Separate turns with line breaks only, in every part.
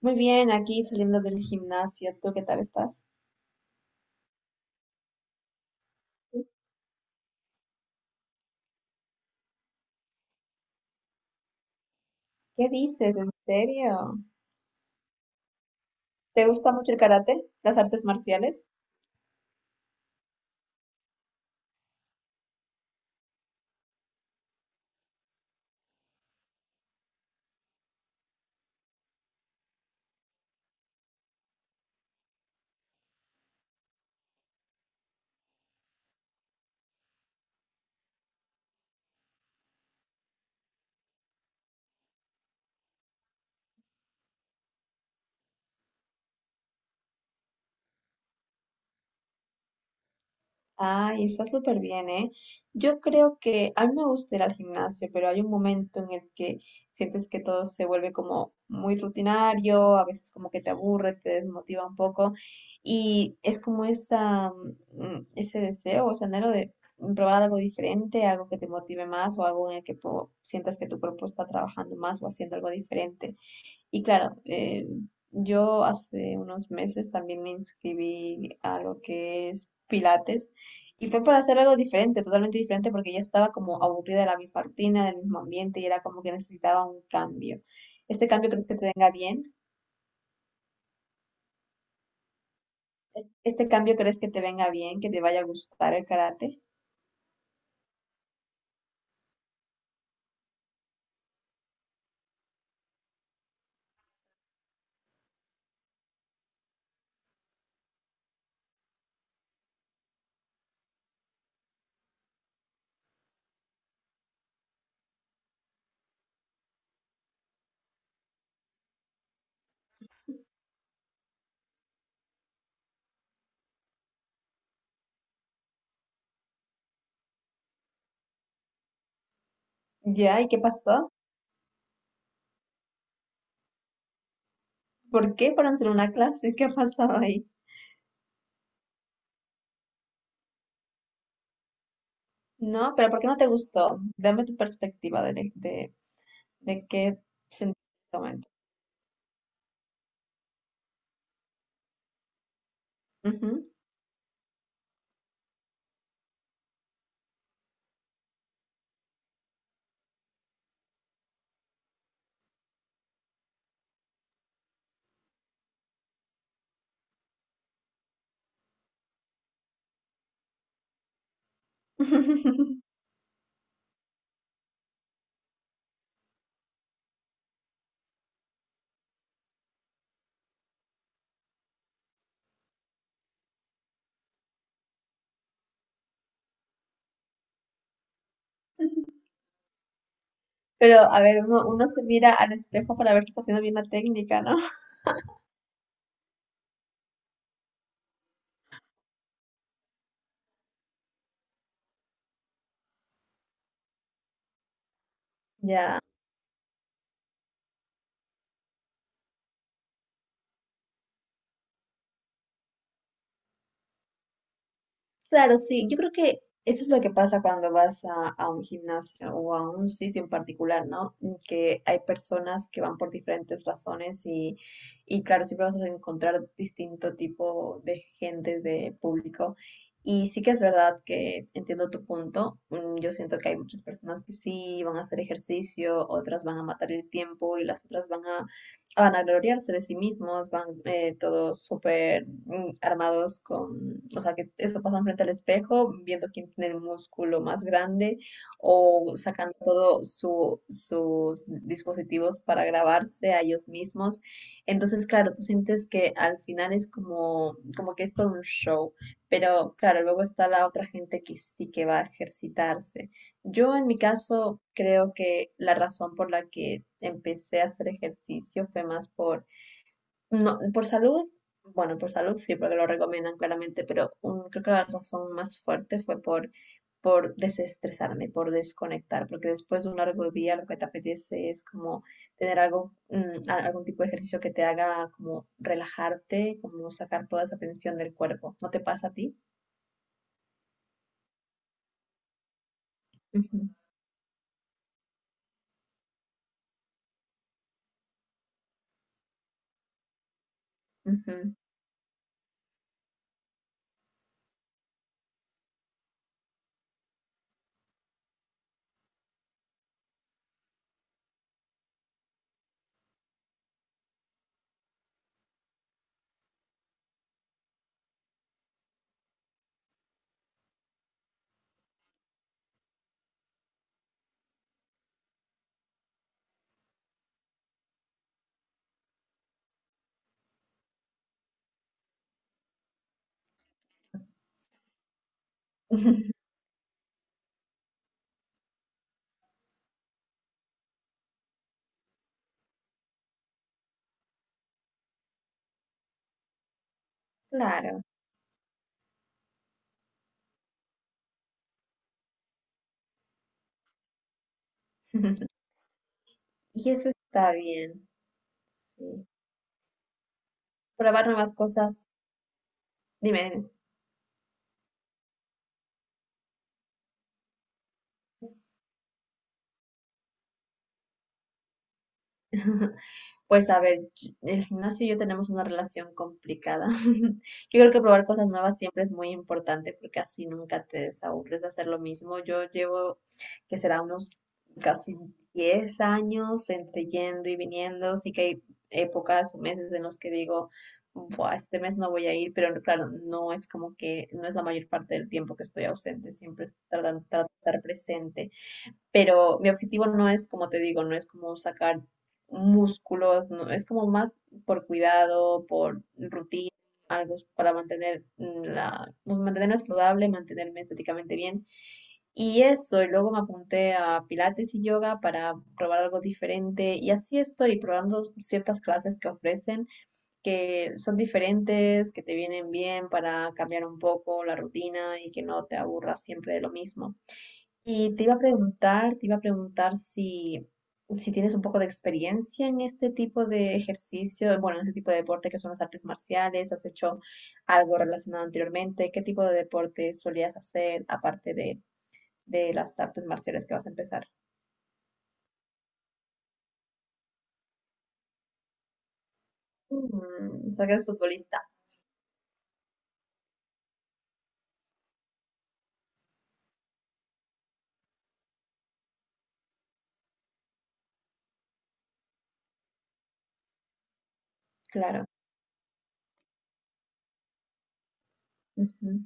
Muy bien, aquí saliendo del gimnasio. ¿Tú qué tal estás? ¿Qué dices? ¿En serio? ¿Te gusta mucho el karate? ¿Las artes marciales? Ay, está súper bien, ¿eh? Yo creo que a mí me gusta ir al gimnasio, pero hay un momento en el que sientes que todo se vuelve como muy rutinario, a veces como que te aburre, te desmotiva un poco y es como esa, ese deseo, ese anhelo de probar algo diferente, algo que te motive más o algo en el que sientas que tu cuerpo está trabajando más o haciendo algo diferente. Y claro, yo hace unos meses también me inscribí a lo que es Pilates y fue para hacer algo diferente, totalmente diferente, porque ya estaba como aburrida de la misma rutina, del mismo ambiente y era como que necesitaba un cambio. ¿Este cambio crees que te venga bien? ¿Este cambio crees que te venga bien, que te vaya a gustar el karate? ¿Ya? ¿Y qué pasó? ¿Por qué fueron solo una clase? ¿Qué ha pasado ahí? No, pero ¿por qué no te gustó? Dame tu perspectiva de qué sentiste en este momento. Pero, a ver, uno se mira al espejo para ver si está haciendo bien la técnica, ¿no? Ya. Claro, sí, yo creo que eso es lo que pasa cuando vas a un gimnasio o a un sitio en particular, ¿no? Que hay personas que van por diferentes razones y claro, siempre vas a encontrar distinto tipo de gente, de público. Y sí que es verdad que entiendo tu punto. Yo siento que hay muchas personas que sí van a hacer ejercicio, otras van a matar el tiempo y las otras van a gloriarse de sí mismos, van todos súper armados con o sea, que eso pasa frente al espejo, viendo quién tiene el músculo más grande o sacando todos sus dispositivos para grabarse a ellos mismos. Entonces, claro, tú sientes que al final es como que es todo un show, pero claro, luego está la otra gente que sí que va a ejercitarse. Yo en mi caso creo que la razón por la que empecé a hacer ejercicio fue más por no, por salud, bueno, por salud sí, porque lo recomiendan claramente, pero creo que la razón más fuerte fue por desestresarme, por desconectar, porque después de un largo día lo que te apetece es como tener algo, algún tipo de ejercicio que te haga como relajarte, como sacar toda esa tensión del cuerpo. ¿No te pasa a ti? Ujú, ujú. Claro. Y eso está bien, sí. Probar nuevas cosas. Dime, dime. Pues a ver, el gimnasio y yo tenemos una relación complicada. Yo creo que probar cosas nuevas siempre es muy importante porque así nunca te desaburres de hacer lo mismo. Yo llevo, que será unos casi 10 años entre yendo y viniendo. Sí que hay épocas o meses en los que digo, Buah, este mes no voy a ir, pero claro, no es como que no es la mayor parte del tiempo que estoy ausente. Siempre trato de estar presente, pero mi objetivo no es, como te digo, no es como sacar músculos, no, es como más por cuidado, por rutina, algo para mantener la, pues, mantenerme saludable, mantenerme estéticamente bien. Y eso, y luego me apunté a pilates y yoga para probar algo diferente. Y así estoy probando ciertas clases que ofrecen, que son diferentes, que te vienen bien para cambiar un poco la rutina y que no te aburras siempre de lo mismo. Y te iba a preguntar si, si tienes un poco de experiencia en este tipo de ejercicio, bueno, en este tipo de deporte que son las artes marciales. ¿Has hecho algo relacionado anteriormente? ¿Qué tipo de deporte solías hacer aparte de las artes marciales que vas a empezar? O sea, que eres futbolista, claro. Ujú.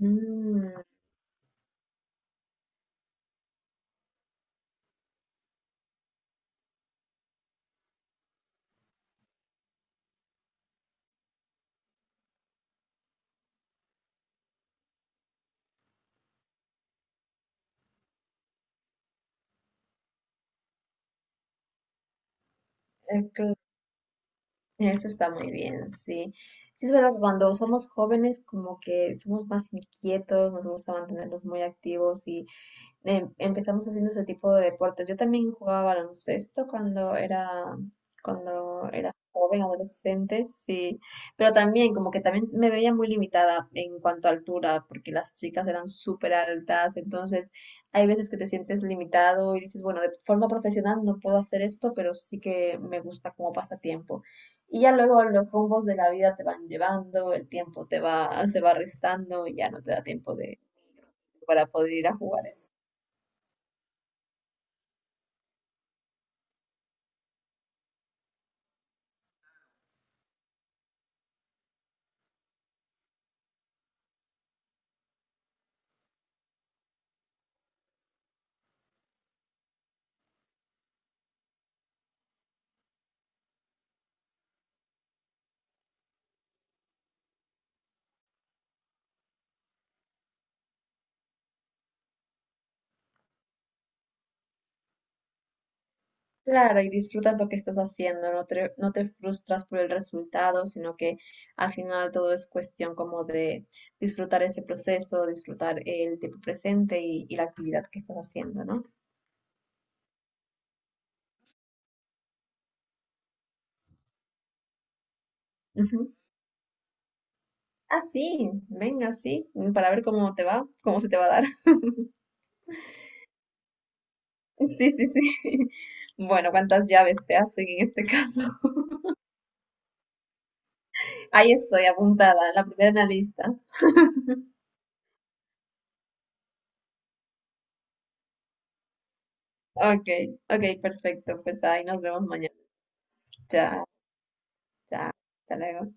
Mm, eh, cl- Eso está muy bien, sí. Sí, es verdad que cuando somos jóvenes como que somos más inquietos, nos gusta mantenernos muy activos y empezamos haciendo ese tipo de deportes. Yo también jugaba baloncesto cuando era joven, adolescente, sí, pero también como que también me veía muy limitada en cuanto a altura, porque las chicas eran súper altas, entonces hay veces que te sientes limitado y dices, bueno, de forma profesional no puedo hacer esto, pero sí que me gusta como pasatiempo. Y ya luego los rumbos de la vida te van llevando, el tiempo te va, se va restando y ya no te da tiempo de para poder ir a jugar eso. Claro, y disfrutas lo que estás haciendo, no te frustras por el resultado, sino que al final todo es cuestión como de disfrutar ese proceso, disfrutar el tiempo presente y la actividad que estás haciendo, ¿no? Ujú. Ah, sí, venga, sí, para ver cómo te va, cómo se te va a dar. Sí, sí, sí. Bueno, ¿cuántas llaves te hacen en este caso? Ahí estoy, apuntada, la primera en la lista. Ok, ok, perfecto, pues ahí nos vemos mañana. Chao, chao, hasta luego.